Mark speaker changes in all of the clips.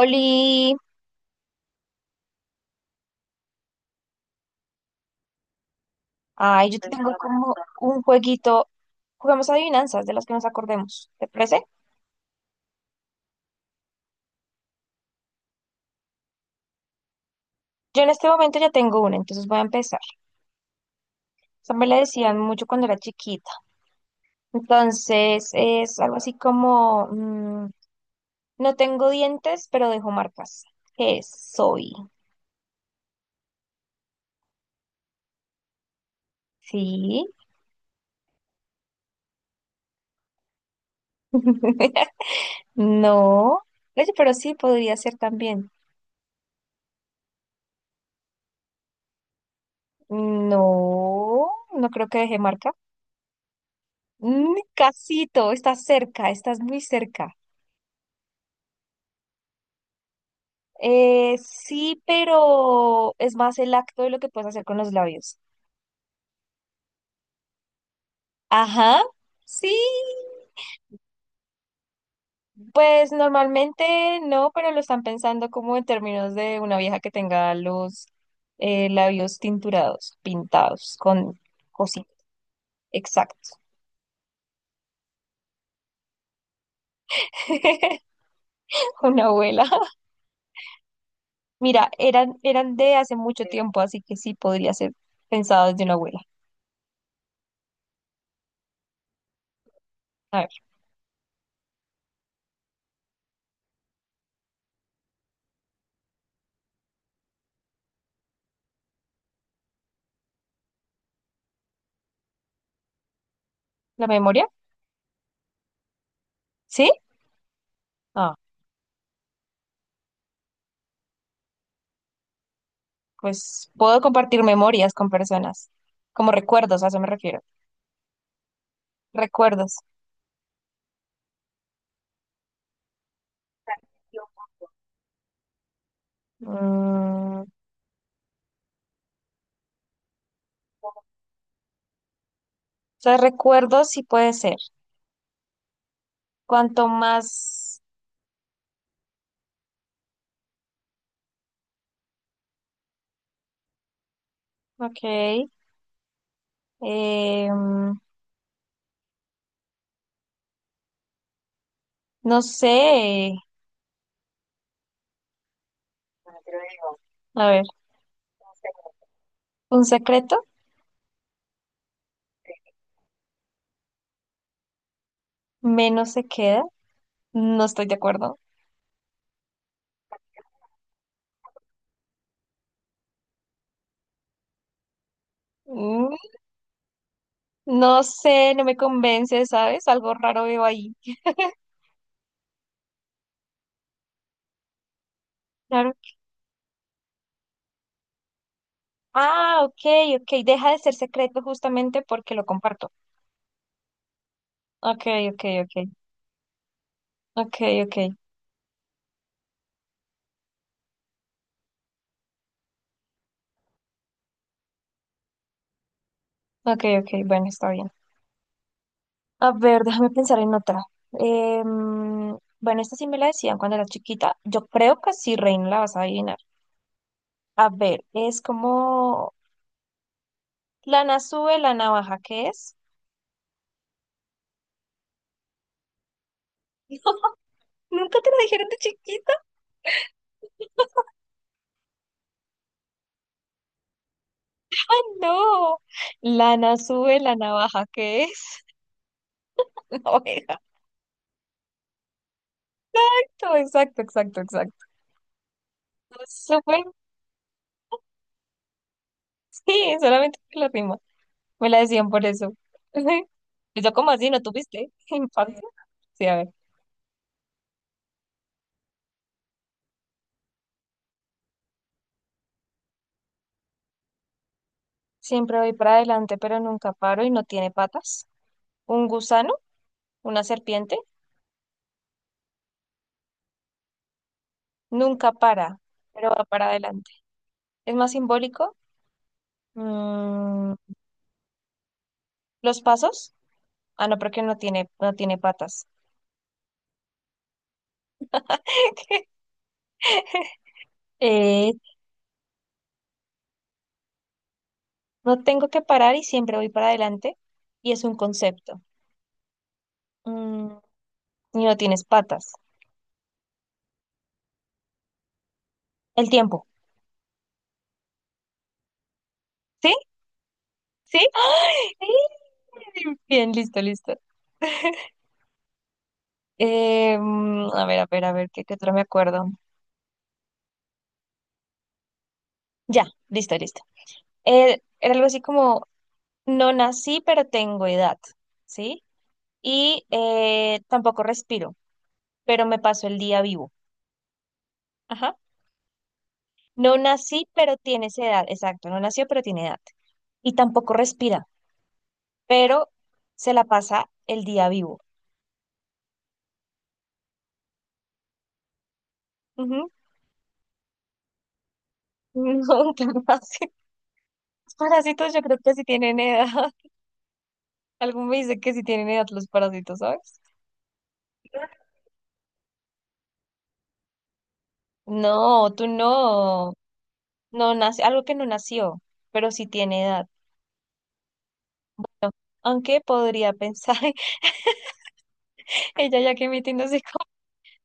Speaker 1: Oli, ay, yo te tengo como un jueguito. Jugamos adivinanzas de las que nos acordemos. ¿Te parece? Yo en este momento ya tengo una, entonces voy a empezar. O sea, me la decían mucho cuando era chiquita. Entonces es algo así como, no tengo dientes, pero dejo marcas. ¿Qué soy? Sí. No. Oye, pero sí, podría ser también. No, no creo que deje marca. Mm, Casito, estás cerca, estás muy cerca. Sí, pero es más el acto de lo que puedes hacer con los labios. Ajá, sí, pues normalmente no, pero lo están pensando como en términos de una vieja que tenga los labios tinturados, pintados, con cositas. Exacto. Una abuela. Mira, eran de hace mucho tiempo, así que sí podría ser pensado desde una abuela. A ver, ¿la memoria? ¿Sí? Pues puedo compartir memorias con personas, como recuerdos, a eso me refiero. Recuerdos. Mm, o sea, recuerdos sí puede ser. Cuanto más, ok, eh, no sé, a ver, un secreto, menos se queda, no estoy de acuerdo. Mm, no sé, no me convence, ¿sabes? Algo raro veo ahí. Claro. Ah, ok, ok, deja de ser secreto justamente porque lo comparto. Ok, ok, ok, ok, ok. Ok, ok, bueno, está bien. A ver, déjame pensar en otra. Bueno, esta sí me la decían cuando era chiquita. Yo creo que sí, Reina, la vas a adivinar. A ver, es como lana sube, la navaja, ¿qué es? Nunca te la dijeron de chiquita, no. Lana sube, la navaja, ¿qué es? Una oveja. No, exacto, exacto, exacto. Súper, sí, solamente que la rima. Me la decían por eso. Yo como así, ¿no tuviste infancia? Sí, a ver. Siempre voy para adelante, pero nunca paro y no tiene patas. Un gusano, una serpiente, nunca para, pero va para adelante. Es más simbólico. mm, los pasos. Ah, no, porque no tiene patas. Eh, no tengo que parar y siempre voy para adelante. Y es un concepto. Mm, y no tienes patas. El tiempo. ¿Sí? ¿Sí? ¡Ay! Bien, listo, listo. A ver, a ver, a ver, ¿qué otro me acuerdo? Ya, listo, listo. Era algo así como, no nací, pero tengo edad, ¿sí? Y tampoco respiro, pero me paso el día vivo. Ajá. No nací, pero tienes edad, exacto, no nació, pero tiene edad. Y tampoco respira, pero se la pasa el día vivo. Ujú. No, qué fácil. Los parásitos yo creo que sí tienen edad. Algo me dice que sí tienen edad los parásitos, ¿sabes? No, tú no. No nace, algo que no nació, pero sí tiene edad. Aunque podría pensar, ella ya que metiéndose así con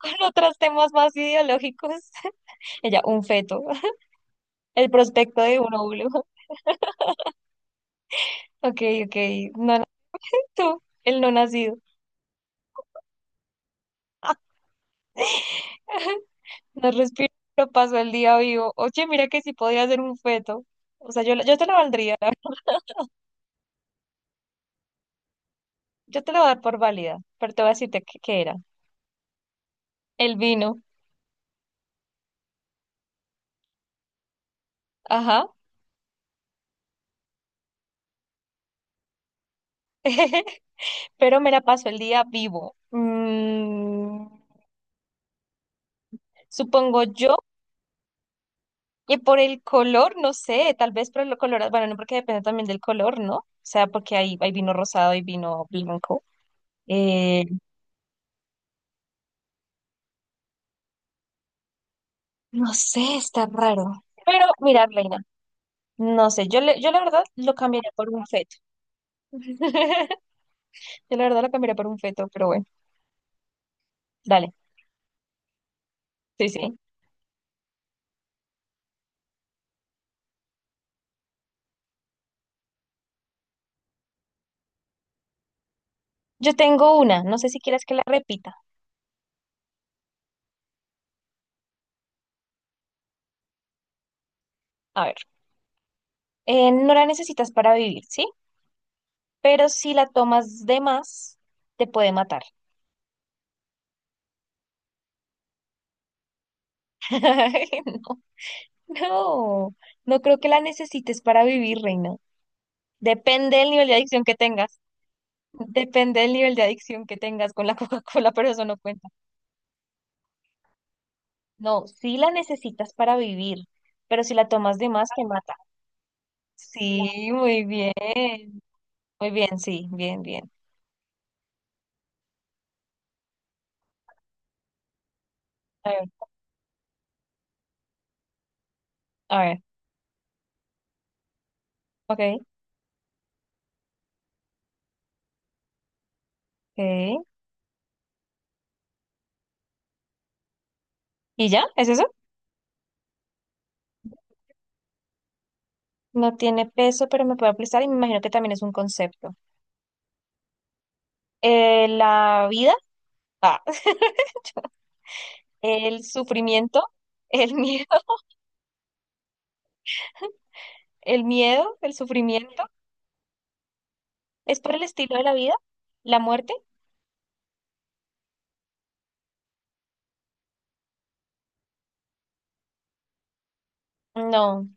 Speaker 1: otros temas más ideológicos, ella, un feto, el prospecto de un óvulo. Ok, ok, no, no, tú, el no nacido. No respiro, pero paso el día vivo. Oye, mira que sí podría ser un feto. O sea, yo, yo te lo valdría, yo te lo voy a dar por válida, pero te voy a decirte qué era. El vino, ajá. Pero me la paso el día vivo. Mm, supongo yo. Y por el color, no sé, tal vez por el color, bueno, no porque depende también del color, ¿no? O sea, porque hay vino rosado y vino blanco. Eh, no sé, está raro. Pero mira, Reina, no sé, yo, yo la verdad lo cambiaría por un feto. Yo la verdad lo cambiaría por un feto, pero bueno, dale. Sí, sí. Yo tengo una, no sé si quieres que la repita. A ver, no la necesitas para vivir, ¿sí? Pero si la tomas de más, te puede matar. No, no creo que la necesites para vivir, reina. Depende del nivel de adicción que tengas. Depende del nivel de adicción que tengas con la Coca-Cola, pero eso no cuenta. No, sí la necesitas para vivir, pero si la tomas de más, te mata. Sí, muy bien. Muy bien, sí, bien, bien. A ver, a ver, ok, ok. ¿Y ya? ¿Es eso? No tiene peso, pero me puede aplastar y me imagino que también es un concepto. La vida, ah, el sufrimiento, el miedo. ¿El miedo, el sufrimiento? ¿Es por el estilo de la vida? ¿La muerte? No,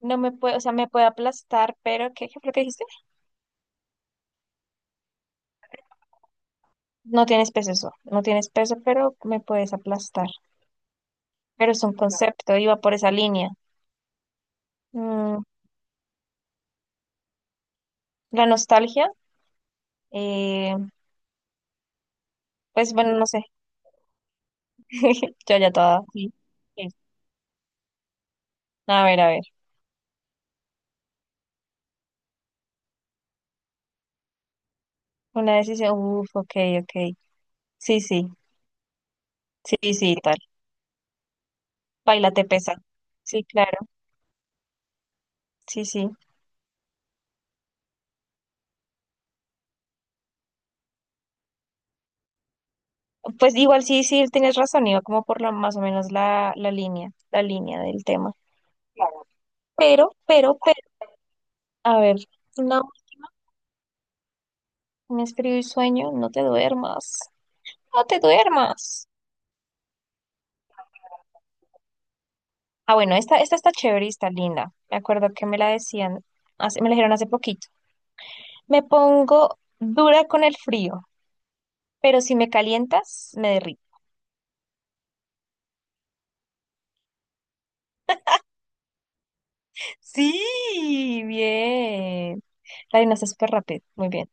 Speaker 1: no me puede, o sea, me puede aplastar, pero ¿qué fue lo que dijiste? No tienes peso eso, no tienes peso, pero me puedes aplastar. Pero es un concepto, iba por esa línea. Mm, la nostalgia, eh, pues bueno, no sé, yo ya toda. Sí, sí. A ver, una decisión, uf, ok, ok. Sí, sí, sí, sí, tal. Baila te pesa. Sí, claro, sí, sí. Pues igual sí, sí, tienes razón, iba como por la más o menos la línea del tema. Claro. Pero, a ver, no, me escribo y sueño, no te duermas, no te duermas. Ah, bueno, esta está chévere y está linda. Me acuerdo que me la decían, me la dijeron hace poquito. Me pongo dura con el frío, pero si me calientas, me derrito. Sí, bien. La adivinaste súper rápido, muy bien.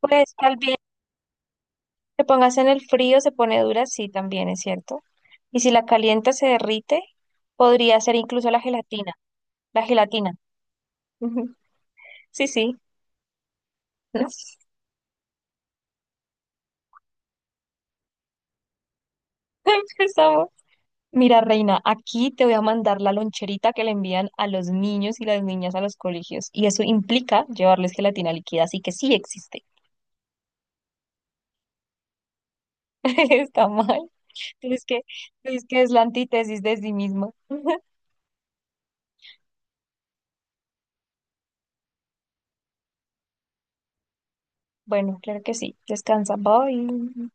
Speaker 1: Pues tal. Que pongas en el frío, se pone dura, sí, también es cierto. Y si la calienta, se derrite, podría ser incluso la gelatina. La gelatina. Ujú. Sí, sí. Nos- Empezamos. Mira, reina, aquí te voy a mandar la loncherita que le envían a los niños y las niñas a los colegios. Y eso implica llevarles gelatina líquida, así que sí existe. Está mal. Tienes que, tienes que es la antítesis de sí mismo. Bueno, claro que sí. Descansa. Bye.